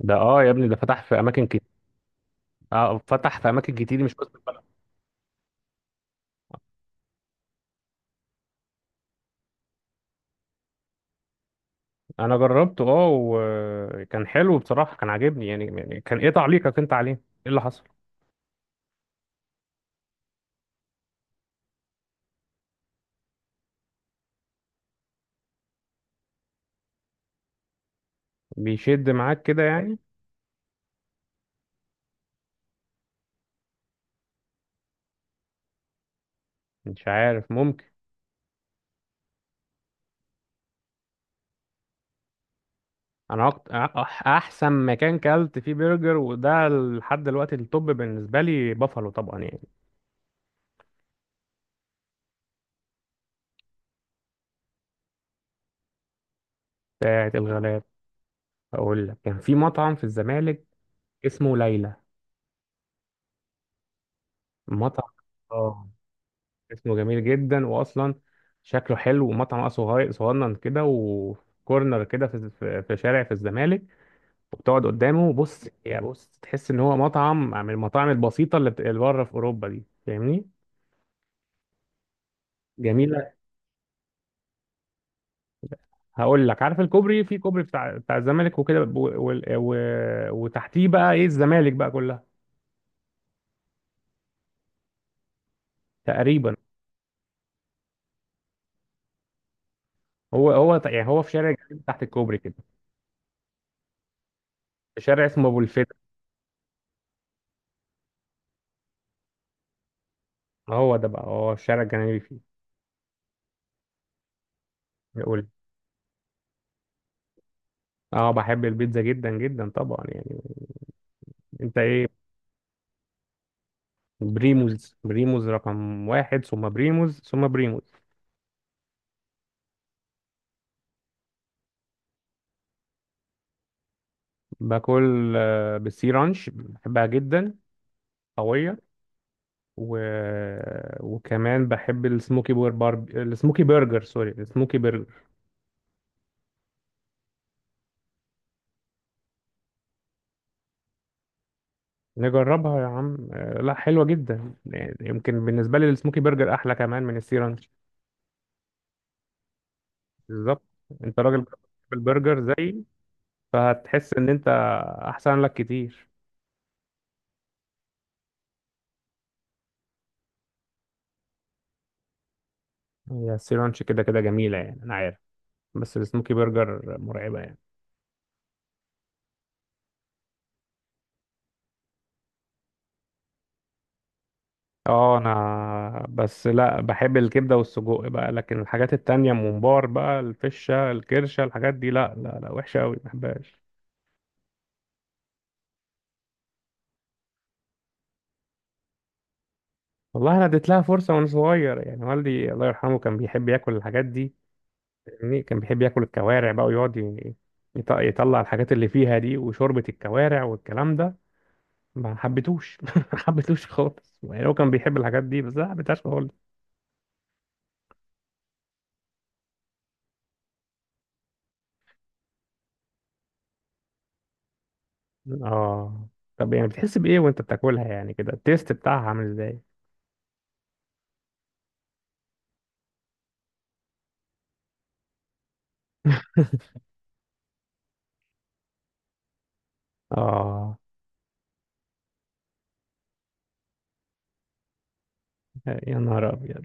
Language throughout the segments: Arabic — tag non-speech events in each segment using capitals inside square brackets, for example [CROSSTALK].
ده، يا ابني، ده فتح في اماكن كتير. اه، فتح في اماكن كتير، مش بس في البلد. انا جربته، وكان حلو بصراحه، كان عاجبني يعني. كان ايه تعليقك انت عليه؟ ايه اللي حصل؟ بيشد معاك كده يعني؟ مش عارف، ممكن. انا احسن مكان كلت فيه برجر، وده لحد دلوقتي التوب بالنسبه لي، بافالو طبعا يعني. بتاعت الغلاب. اقول لك، كان في مطعم في الزمالك اسمه ليلى. مطعم. اه. اسمه جميل جدا، واصلا شكله حلو، ومطعم صغير صغنن كده وكورنر كده، في شارع في الزمالك. وبتقعد قدامه بص يا بص، تحس ان هو مطعم من المطاعم البسيطه اللي بره في اوروبا دي، فاهمني؟ جميله. هقول لك، عارف الكوبري؟ في كوبري بتاع الزمالك وكده، و... و... وتحتيه بقى ايه، الزمالك بقى كلها تقريبا. هو يعني هو في شارع جنبي تحت الكوبري كده، في شارع اسمه ابو الفتح. هو ده بقى، هو الشارع الجنبي فيه. يقول. اه، بحب البيتزا جدا جدا طبعا يعني. انت ايه؟ بريموز، بريموز رقم واحد، ثم بريموز، ثم بريموز. باكل بالسي رانش، بحبها جدا. قوية. و... وكمان بحب السموكي برجر، سوري، السموكي برجر. نجربها يا عم، لا حلوة جدا يعني، يمكن بالنسبة لي السموكي برجر أحلى كمان من السي رانش. بالظبط. انت راجل بتحب البرجر زيي، فهتحس ان انت احسن لك كتير. هي السي رانش كده كده جميلة يعني، انا عارف. بس السموكي برجر مرعبة يعني. اه، انا بس لا بحب الكبده والسجق بقى، لكن الحاجات التانية، الممبار بقى، الفشه، الكرشه، الحاجات دي، لا لا لا، وحشه قوي، ما بحبهاش. والله انا اديت لها فرصه وانا صغير يعني، والدي الله يرحمه كان بيحب ياكل الحاجات دي، فاهمني؟ كان بيحب ياكل الكوارع بقى، ويقعد يطلع الحاجات اللي فيها دي، وشوربه الكوارع والكلام ده. ما حبيتوش [LAUGHS] ما حبيتوش خالص يعني، هو كان بيحب الحاجات دي بس أنا ما حبيتهاش خالص. اه. طب يعني، بتحس بايه وانت بتاكلها يعني كده؟ التيست بتاعها عامل ازاي؟ [LAUGHS] اه، يا نهار ابيض.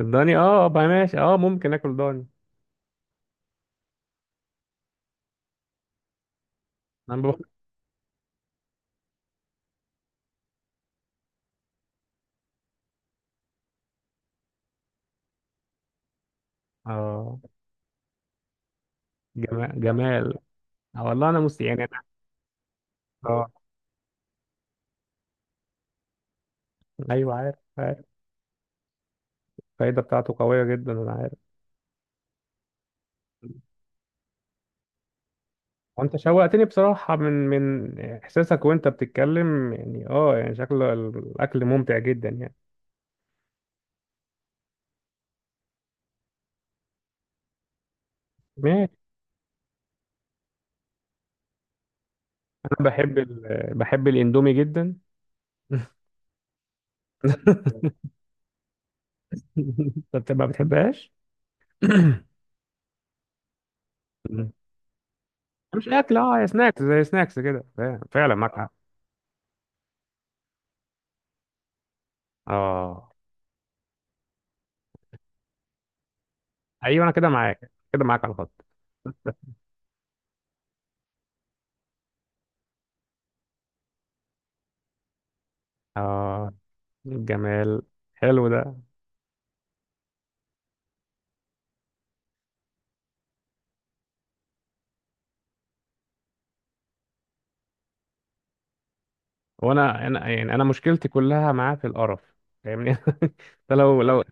الضاني، اه، بقى ماشي، اه ممكن اكل ضاني. انا بخ... اه. جمال جمال. آه والله، انا مست يعني انا. اه، ايوه، عارف عارف. الفايده بتاعته قويه جدا، انا عارف. وانت شوقتني بصراحه، من احساسك وانت بتتكلم يعني، يعني شكل الاكل ممتع جدا يعني. ماشي. انا بحب بحب الاندومي جدا. [LAUGHS] انت ما بتحبهاش؟ [CLEARS THROAT] [COUGHS] مش اكل، يا سناكس، زي سناكس كده، فعلا فعلا معاك حق. اه، ايوه، انا كده معاك كده معاك على الخط. اه. الجمال. حلو ده. وانا يعني انا مشكلتي كلها معاه في القرف، فاهمني؟ [LAUGHS] ده لو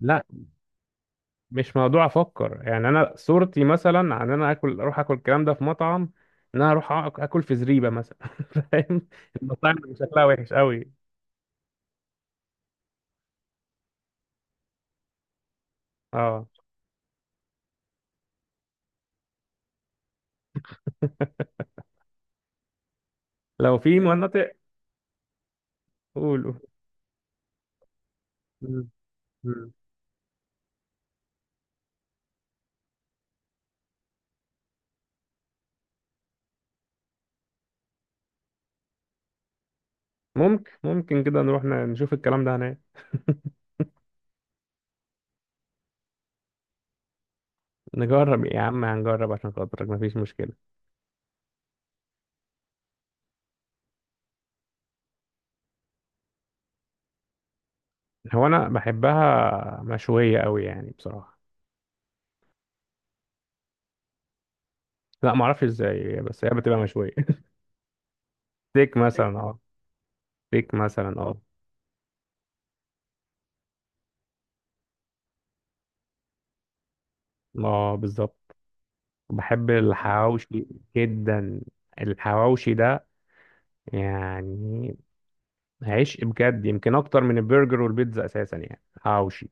لا، مش موضوع افكر يعني، انا صورتي مثلا عن إن انا اكل اروح اكل الكلام ده في مطعم، ان انا اروح اكل في زريبه مثلا. [LAUGHS] فاهم؟ المطاعم اللي شكلها وحش قوي. اه. لو في مناطق. قولوا. مم. مم. ممكن كده نروح نشوف الكلام ده هناك. نجرب يا عم، هنجرب عشان خاطرك، مفيش مشكله. هو انا بحبها مشويه قوي يعني بصراحه. لا ما اعرفش ازاي، بس هي بتبقى مشويه. [LAUGHS] ستيك مثلا، اه. ستيك مثلا، اه. اه، بالظبط. بحب الحواوشي جدا. الحواوشي ده يعني عشق بجد، يمكن اكتر من البرجر والبيتزا اساسا يعني، حواوشي.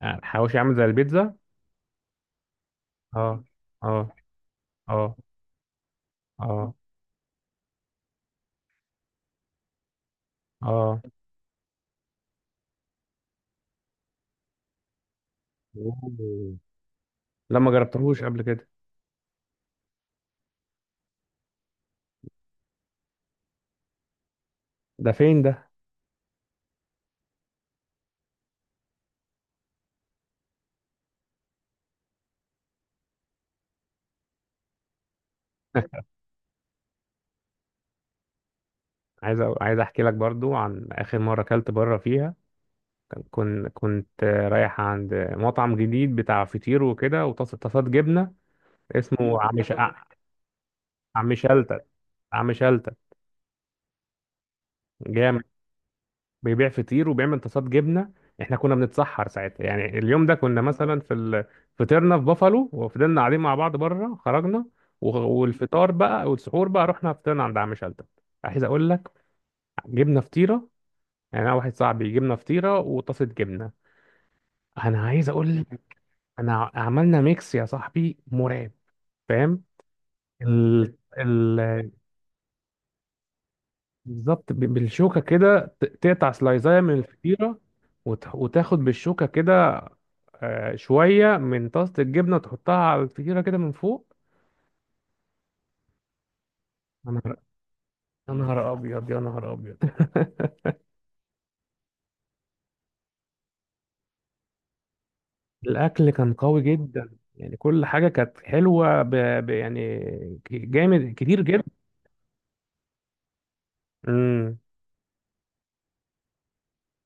يعني الحواوشي عامل زي البيتزا؟ اه. اه. اه. اه. اه. أوه. لا، ما جربتهوش قبل كده. ده فين ده؟ [LAUGHS] عايز عايز احكي لك برضو عن اخر مره اكلت بره فيها. كنت رايح عند مطعم جديد بتاع فطير وكده وطاسات جبنه، اسمه عم ش... عم شلتت. عم شلتت. جامد. بيبيع فطير، وبيعمل طاسات جبنه. احنا كنا بنتسحر ساعتها يعني، اليوم ده كنا مثلا فطرنا في بافالو، وفضلنا قاعدين مع بعض بره، خرجنا. والفطار بقى والسحور بقى، رحنا فطرنا عند عم شلتت. عايز اقول لك، جبنا فطيره، يعني انا واحد صاحبي جبنا فطيره وطاسه جبنه. انا عايز اقول لك، انا عملنا ميكس يا صاحبي مرعب، فاهم؟ ال... ال... بالظبط، بالشوكة كده، تقطع سلايزاية من الفطيرة، وتاخد بالشوكة كده شوية من طاسة الجبنة وتحطها على الفطيرة كده من فوق. يا نهار، يا نهار أبيض، يا نهار أبيض. [LAUGHS] الأكل كان قوي جدا، يعني كل حاجة كانت حلوة يعني جامد كتير جدا. امم.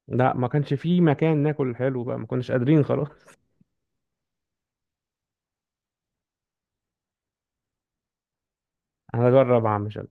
لا، ما كانش فيه مكان ناكل حلو بقى، ما كناش قادرين خلاص. هنجرب اعمل